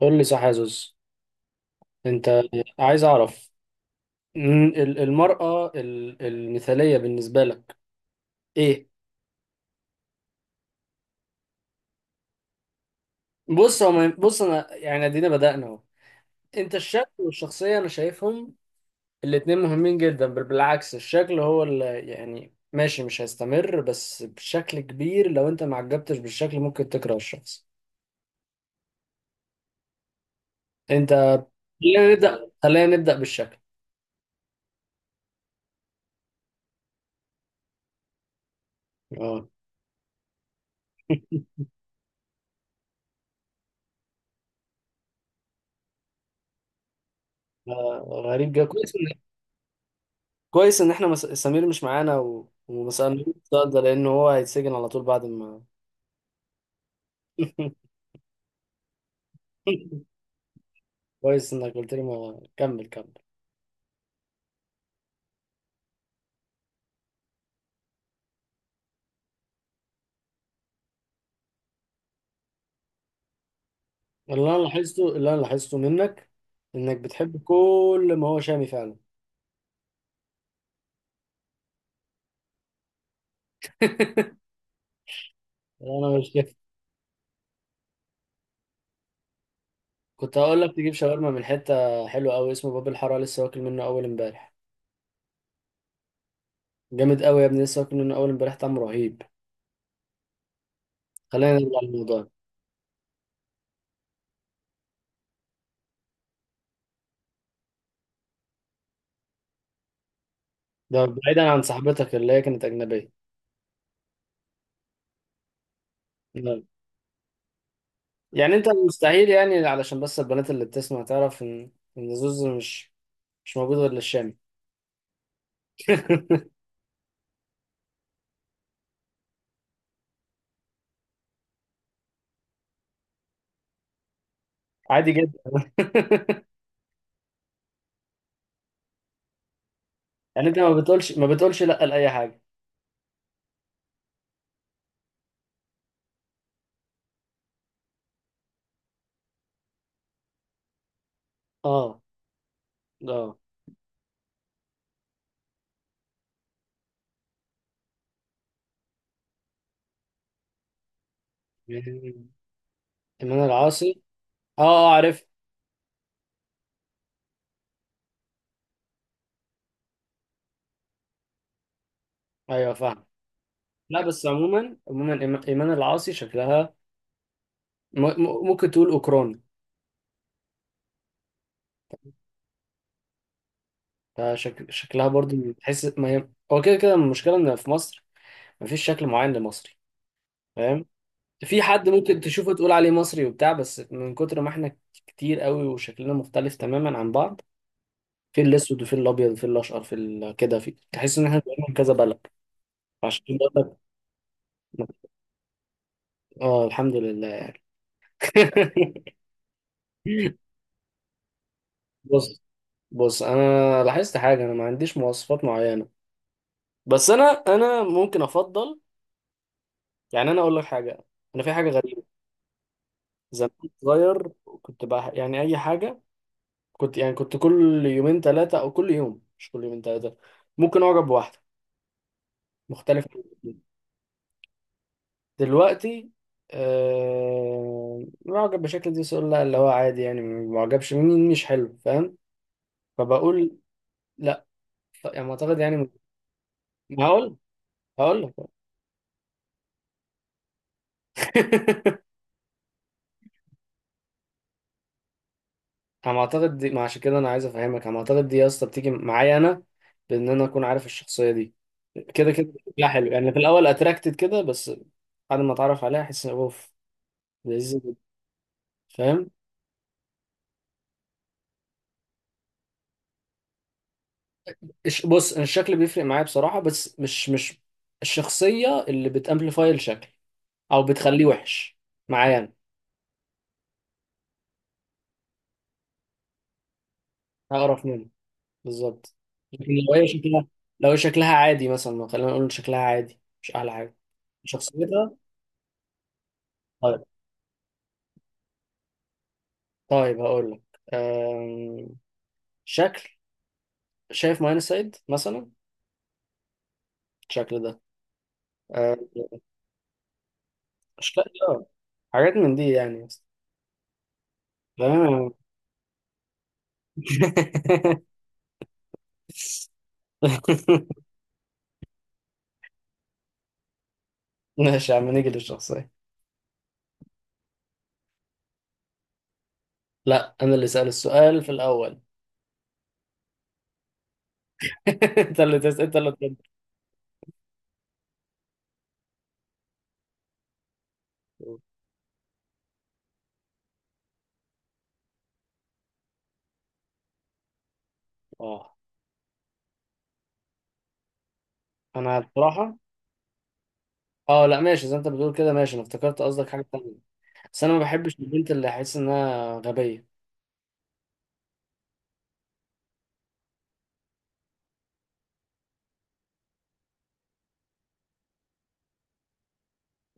قول لي صح يا زوز. انت عايز اعرف المرأة المثالية بالنسبة لك ايه؟ بص هو ما- بص انا يعني ادينا بدأنا اهو. انت الشكل والشخصية انا شايفهم الاتنين مهمين جدا، بل بالعكس، الشكل هو اللي يعني ماشي مش هيستمر، بس بشكل كبير لو انت ما عجبتش بالشكل ممكن تكره الشخص. انت خلينا نبدأ بالشكل. اه. آه، غريب جدا، كويس. كويس ان احنا سمير مش معانا وما سألناش السؤال ده، لان هو هيتسجن على طول بعد ما. كويس انك قلت لي، ما كمل كمل. اللي انا لاحظته منك انك بتحب كل ما هو شامي فعلا. يعني انا مش كده. كنت هقول لك تجيب شاورما من حته حلوه قوي اسمه باب الحاره، لسه واكل منه اول امبارح. جامد قوي يا ابني، لسه واكل منه اول امبارح، طعمه رهيب. خلينا نرجع للموضوع. ده بعيدا عن صاحبتك اللي هي كانت اجنبيه. يعني انت مستحيل، يعني علشان بس البنات اللي بتسمع تعرف ان زوز مش موجود غير للشام. عادي جدا. يعني انت ما بتقولش لا لاي حاجه. اه اه، إيمان إيمان العاصي. اه اه عارف. ايوه فاهم. لا بس عموما عموما إيمان العاصي شكلها ممكن تقول أوكراني. شكلها برضو، تحس ما هي هو كده كده، المشكلة إن في مصر مفيش شكل معين لمصري، فاهم؟ في حد ممكن تشوفه تقول عليه مصري وبتاع، بس من كتر ما احنا كتير قوي وشكلنا مختلف تماما عن بعض. في الاسود وفي الابيض وفي الاشقر، كده، في تحس ان احنا بقينا من كذا بلد. عشان كده بقول لك. اه، الحمد لله. بص بص، انا لاحظت حاجه، انا ما عنديش مواصفات معينه. بس انا ممكن افضل، يعني انا اقول لك حاجه. انا في حاجه غريبه. زمان كنت صغير، كنت بقى يعني اي حاجه، كنت كل يومين ثلاثه، او كل يوم، مش كل يومين ثلاثه، ممكن اعجب بواحده مختلف عن الجديد. دلوقتي آه معجب بشكل دي سؤال، لا اللي هو عادي يعني، معجبش مني، مش حلو فاهم، فبقول لا، يعني معتقد يعني. هقول هقول لك. انا معتقد دي، ما عشان كده انا عايز افهمك، انا معتقد دي يا اسطى بتيجي معايا انا، بان انا اكون عارف الشخصيه دي كده كده، لا حلو يعني في الاول اتراكتد كده، بس بعد ما اتعرف عليها احس اوف، لذيذ جدا. فاهم؟ بص أنا الشكل بيفرق معايا بصراحة، بس مش الشخصية اللي بتامبليفاي الشكل او بتخليه وحش معايا، انا هقرف منه، بالظبط. لكن لو هي شكلها عادي مثلا، خلينا نقول شكلها عادي مش احلى حاجة، شخصيتها. طيب، طيب هقول لك. أم... شكل، شايف ماين سايد مثلا الشكل ده. أم... اشكال، آه، حاجات من دي يعني. تمام. ماشي يا عم، نيجي للشخصية. لا انا اللي سأل السؤال في الاول. انت اللي تسأل انت اللي تسأل. اه، انا بصراحه اه لا، ماشي زي ما انت بتقول كده، ماشي، انا افتكرت قصدك حاجه تانية. بس انا ما بحبش البنت اللي احس انها غبيه.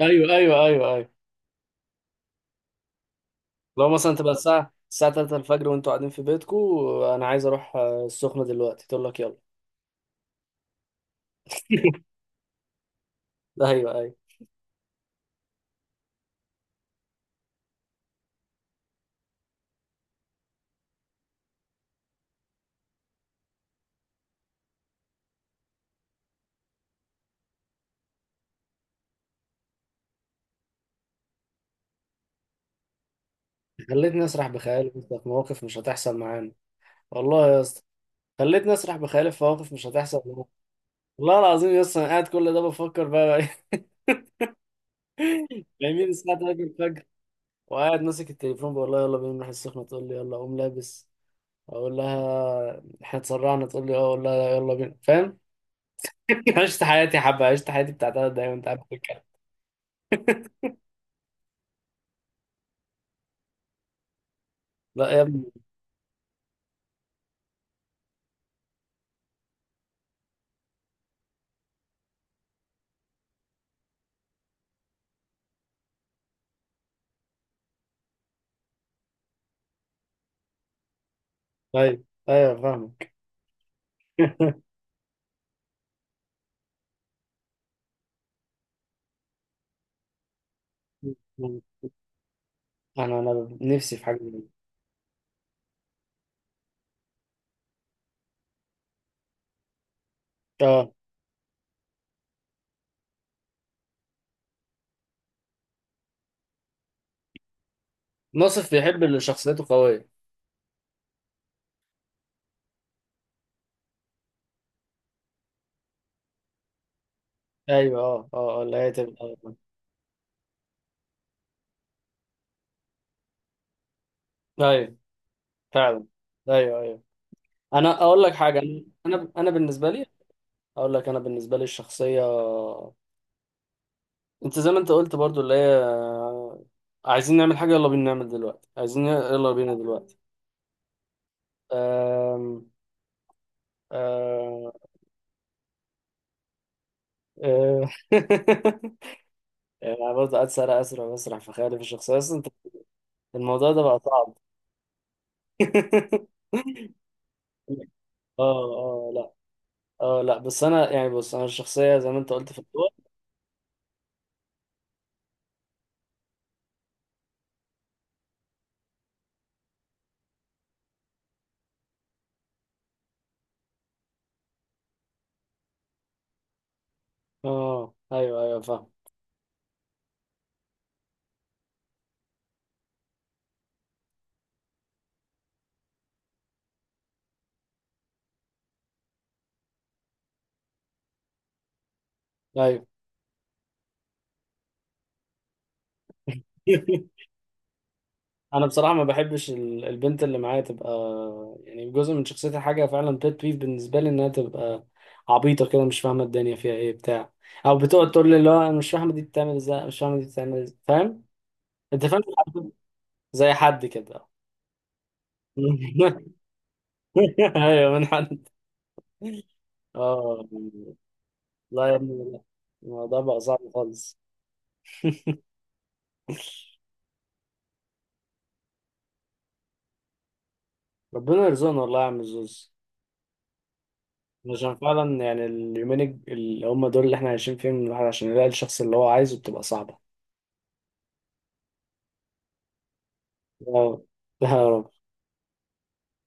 ايوه ايوه ايوه ايوه. لو مثلا تبقى الساعه 3 الفجر وانتوا قاعدين في بيتكم، انا عايز اروح السخنه دلوقتي، تقول لك يلا. ايوه ايوه. خلتني اسرح بخيالي في مواقف مش هتحصل معانا. والله يا اسطى، خلتني اسرح بخيالي في مواقف مش هتحصل معانا، والله العظيم يا اسطى، انا قاعد كل ده بفكر بقى. جميل، الساعة 3 الفجر وقاعد ماسك التليفون بقول لها يلا بينا نروح السخنة، تقول لي يلا أقوم لابس، أقول لها إحنا اتسرعنا، تقول لي أه، أقول لها يلا بينا، فاهم؟ عشت حياتي حبة، عشت حياتي بتاع تلات دقايق وأنت قاعد بتتكلم. لا يا ابني. طيب أيوه فاهمك. أنا نفسي في حاجة زي دي. أه. ناصف بيحب اللي شخصيته قوية. أيوه أه أه اللي هي تبقى، أيوه. طيب، فعلا. أيوه أيوه. أنا أقول لك حاجة. أنا بالنسبة لي أقول لك، أنا بالنسبة لي الشخصية، انت زي ما انت قلت برضو اللي هي عايزين نعمل حاجة يلا بينا نعمل دلوقتي، عايزين يلا بينا دلوقتي. أم... أم... أم... يعني برضه قاعد أسرع وأسرع في خيالي في الشخصية أصلا أنت. الموضوع ده بقى صعب. اه اه لا، اه لا، بس أنا يعني بص أنا الشخصية زي ما أنت قلت في الأول. اه أيوه أيوه فاهم، أيوه. انا بصراحه ما بحبش البنت اللي معايا تبقى، يعني جزء من شخصيتها حاجه فعلا بيت بيف بالنسبه لي، انها تبقى عبيطه كده، مش فاهمه الدنيا فيها ايه بتاع، او بتقعد تقول لي اللي هو انا مش فاهمه دي بتعمل ازاي، مش فاهمه دي بتعمل ازاي، فاهم؟ انت فاهم؟ زي حد كده. ايوه من حد. اه لا يا ابني لا. الموضوع بقى صعب خالص. ربنا يرزقنا والله يا عم الزوز، عشان فعلا يعني اليومين اللي هم دول اللي احنا عايشين فيهم، الواحد عشان يلاقي الشخص اللي هو عايزه بتبقى صعبة. يا رب يا رب.